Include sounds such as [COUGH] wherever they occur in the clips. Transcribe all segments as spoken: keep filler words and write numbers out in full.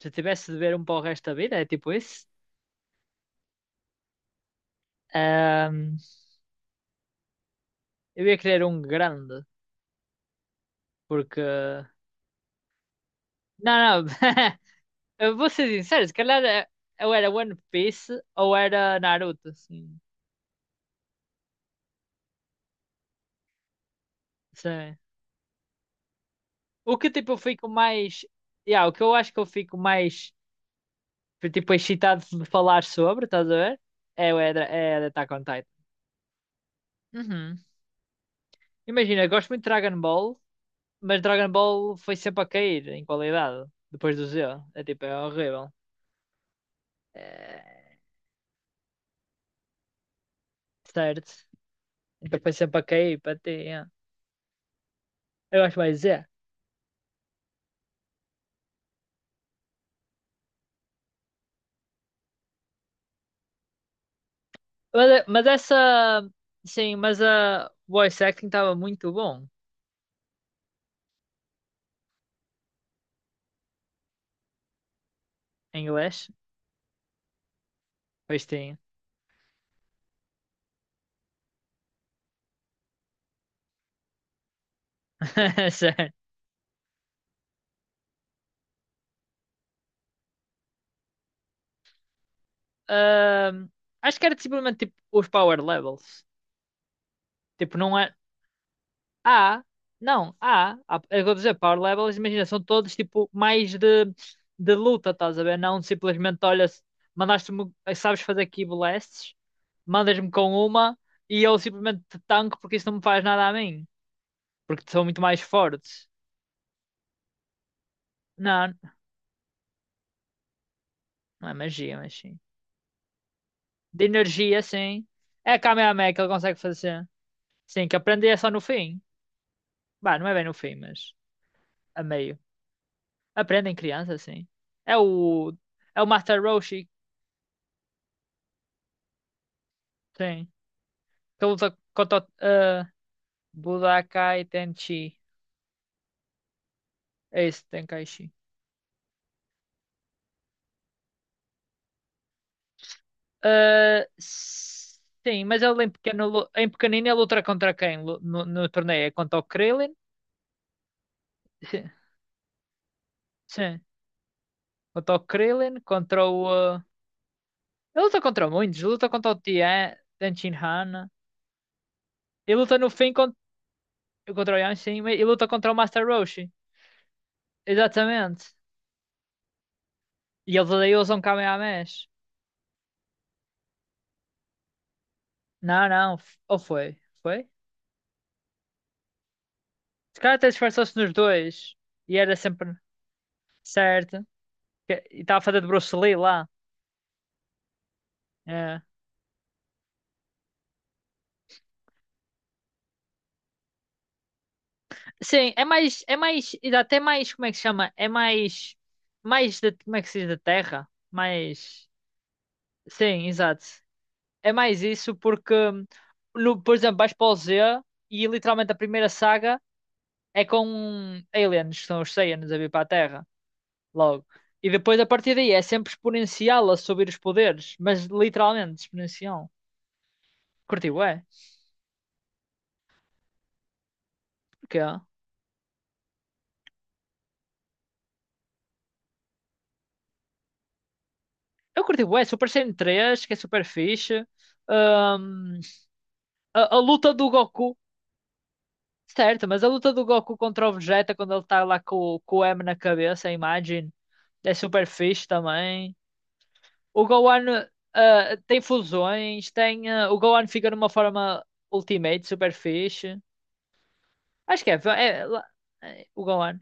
Se eu tivesse de beber um para o resto da vida, é tipo isso. Ahm, eu ia querer um grande, porque. Não, não. [LAUGHS] Eu vou ser sincero, se calhar eh, eu era One Piece ou era Naruto, assim. Sim. O que tipo eu fico mais. Yeah, o que eu acho que eu fico mais tipo excitado de falar sobre, estás a ver? É, o- é, da- é da Attack on Titan. Uhum. Imagina, eu gosto muito de Dragon Ball, mas Dragon Ball foi sempre a cair em qualidade, depois do Z. É tipo, é horrível. É, Certo. Então foi sempre para cair, para ter. yeah. Eu acho mais é. Mas, é, mas essa. Sim, mas a voice acting estava muito bom em inglês. Pois tem. [LAUGHS] Certo. Ahm, Acho que era simplesmente tipo os power levels. Tipo, não é. Há, não, há, há, é o que eu estou a dizer, power levels, imagina, são todos tipo mais de, de luta, estás a ver? Não simplesmente, olha, se- mandaste-me, sabes fazer key blasts, mandas-me com uma e eu simplesmente te tanco porque isso não me faz nada a mim, porque são muito mais fortes. Não, não é magia, mas sim. De energia, sim. É a Kamehameha que ele consegue fazer. Sim, que aprende é só no fim. Bah, não é bem no fim, mas a meio. Aprende em criança, sim. É o, é o Master Roshi, sim. Kabuto- Koto- ah, Budokai Tenchi. É esse, Tenkaichi. Ah, sim, mas ele em pequeno, lu- em pequenino ele luta contra quem lu- no, no torneio? É contra o Krillin? [LAUGHS] Sim, contra o Krillin, contra o... ah, ele luta contra muitos, ele luta contra o Tien, Tenchin Hana. Ele luta no fim contra, contra, o Yamcha mas ele luta contra o Master Roshi. Exatamente. E eles daí usam Kamehamehas. Não, não, f- ou foi? Foi? Esse cara até disfarçou-se nos dois. E era sempre. Certo. Que- E estava a fazer de Bruce Lee lá. É. Sim, é mais, é mais, e dá até mais, como é que se chama? É mais, mais, de, como é que se diz, da terra? Mais, sim, exato. É mais isso porque, no, por exemplo, vais para o Z e literalmente a primeira saga é com aliens, que são os Saiyans a vir para a Terra, logo. E depois a partir daí é sempre exponencial a subir os poderes, mas literalmente exponencial. Curti, ué? Porquê? Eu curti bué, Super Saiyan três, que é super fixe. Ahm, a, a luta do Goku, certo, mas a luta do Goku contra o Vegeta quando ele tá lá com, com o M na cabeça, a imagem, é super fixe também. O Gohan, ah, tem fusões, tem, ah, o Gohan fica numa forma Ultimate, super fixe. Acho que é, é, lá- é, o Gohan.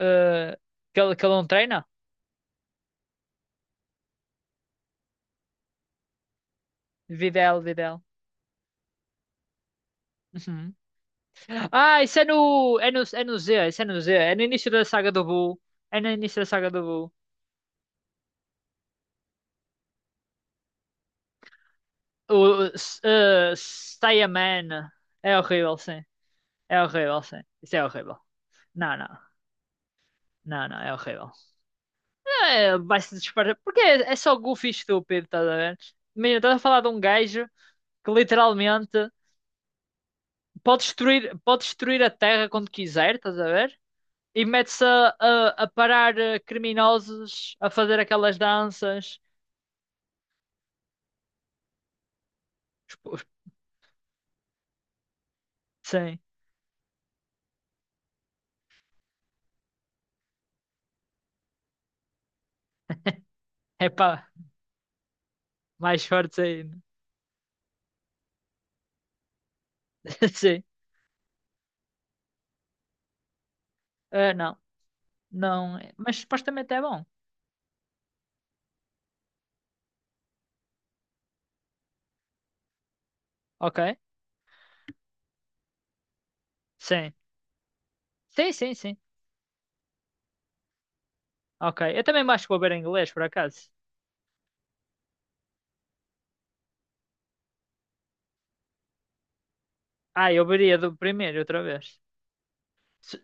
ah, que, ele, que ele não treina? Videl, Videl. Ah, isso é no. É no, é no Z, isso é no Z. É no início da saga do Boo. É no início da saga do Boo. O. s- eh, Saiyaman. É horrível, sim. É horrível, sim. Isso é horrível. Não, não. Não, não, é horrível. É, vai-se disparar. Porque é, é só goofy e estúpido, estás a ver? Imagina, estás a falar de um gajo que literalmente pode destruir, pode destruir a Terra quando quiser, estás a ver? E mete-se a, a, a parar eh, criminosos, a fazer aquelas danças. Os- os- Sim. [LAUGHS] Epá, mais fortes ainda. [LAUGHS] Sim. Ah, não, não. é- Mas supostamente é bom. Ok. Sim. Sim, sim, sim. Ok. Eu também acho que vou ver em inglês, por acaso. Ah, eu veria do primeiro outra vez. S-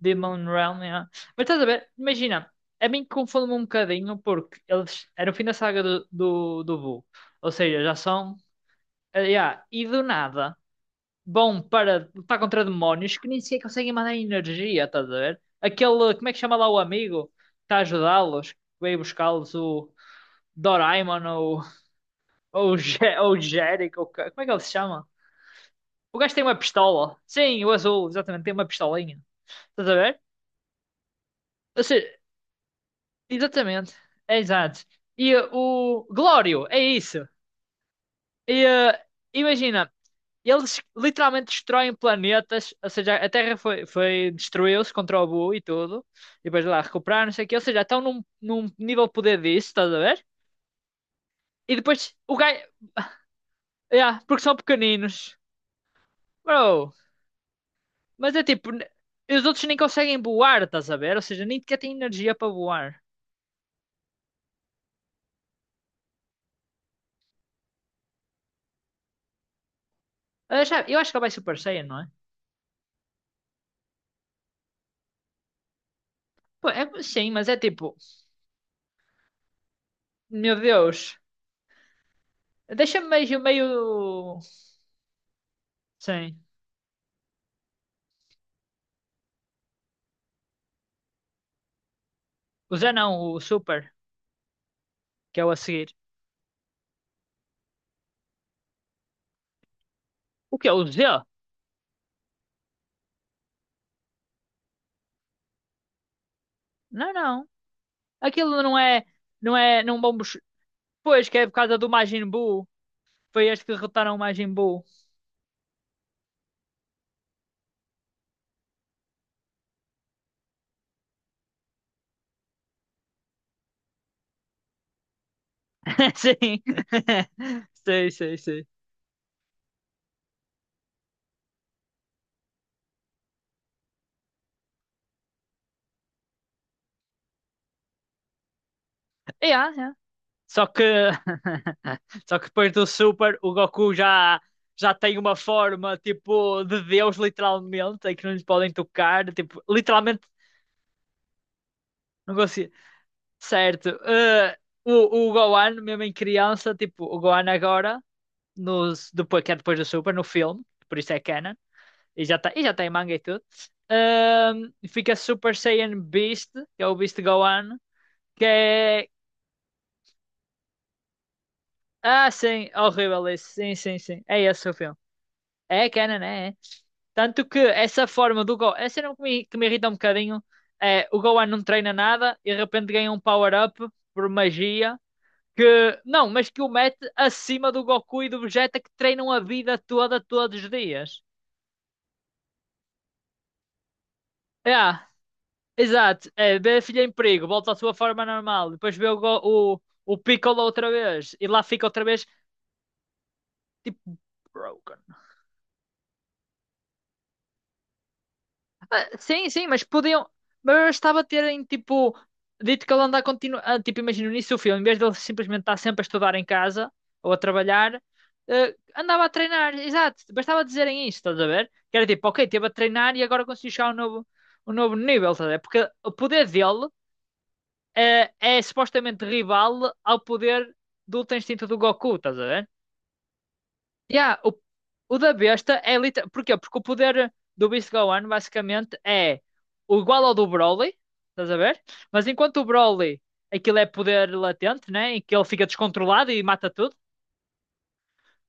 Demon Realm, yeah. Mas estás a ver? Imagina, a mim confunde-me um bocadinho porque eles. Era o fim da saga do, do, do Boo. Ou seja, já são. Ah, yeah. E do nada. Bom para lutar contra demónios que nem sequer conseguem mandar energia, estás a ver? Aquele, como é que chama lá o amigo, que está a ajudá-los, que veio buscá-los, o Doraemon ou, ou, o Je- ou o Jericho, ou ca- como é que ele se chama? O gajo tem uma pistola. Sim, o azul, exatamente, tem uma pistolinha. Estás a ver? Ou seja, exatamente, é exato. E uh, o Glório, é isso. E uh, imagina, E Eles literalmente destroem planetas, ou seja, a Terra foi, foi destruiu-se contra o Boo e tudo, e depois lá recuperaram, não sei o quê, ou seja, estão num, num, nível de poder disso, estás a ver? E depois o gajo, yeah, porque são pequeninos, bro, mas é tipo, n- os outros nem conseguem voar, estás a ver? Ou seja, nem sequer têm energia para voar. Ah já, eu acho que ele vai Super Saiyan, não é? Pô, é- sim, mas é tipo, meu Deus, deixa-me meio, meio, sim, o Z não, o Super, que é o a seguir. O que é o Z? Não, não. Aquilo não é, não é, não vão bus- Pois que é por causa do Majin Buu. Foi eles que derrotaram o Majin Buu. [LAUGHS] Sim. [LAUGHS] Sei, sei, sei. Yeah, yeah. Só que [LAUGHS] só que depois do Super, o Goku já já tem uma forma tipo de Deus literalmente, em que não lhes podem tocar, tipo, literalmente não consigo. Certo. eh, o o Gohan mesmo em criança, tipo, o Gohan agora nos depois que é depois do Super no filme, por isso é canon. E já está e já tem manga e tudo. Ahm, fica Super Saiyan Beast, que é o Beast Gohan, que é. Ah, sim, horrível esse. Sim, sim, sim. É esse o filme. É canon, é. é. Tanto que essa forma do Gohan. Essa cena que me, que me, irrita um bocadinho é o Gohan não treina nada e de repente ganha um power-up por magia. Que, não, mas que o mete acima do Goku e do Vegeta que treinam a vida toda, todos os dias. É, exato, é, vê a filha em perigo, volta à sua forma normal, depois vê o, go- o, o Piccolo outra vez e lá fica outra vez, tipo, broken. Ah, sim, sim, mas podiam. Mas bastava terem, tipo, dito que ele anda a continuar. Ah, tipo, imagina no início do filme, em vez de ele simplesmente estar sempre a estudar em casa ou a trabalhar, eh, andava a treinar, exato, bastava dizerem isto, estás a ver? Que era tipo, ok, esteve a treinar e agora conseguiu chegar a um novo, um novo nível, estás a ver? Porque o poder dele. eh, é supostamente rival ao poder do Ultra Instinto do Goku, estás a ver? Yeah, o, o da besta é literalmente. Porquê? Porque o poder do Beast Gohan basicamente é o igual ao do Broly, estás a ver? Mas enquanto o Broly, aquilo é poder latente, né? Em que ele fica descontrolado e mata tudo,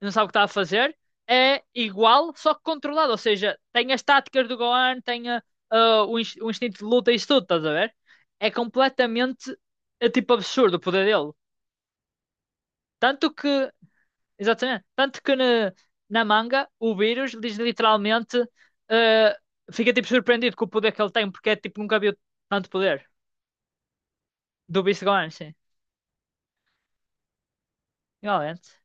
não sabe o que está a fazer, é igual, só que controlado. Ou seja, tem as táticas do Gohan, tem ah, ah, o, ins- o instinto de luta e isso tudo, estás a ver? É completamente é tipo absurdo o poder dele. Tanto que, exatamente, tanto que na, na manga o vírus diz literalmente, eh, fica tipo surpreendido com o poder que ele tem, porque é tipo nunca viu tanto poder do Beast Gone, sim, igualmente.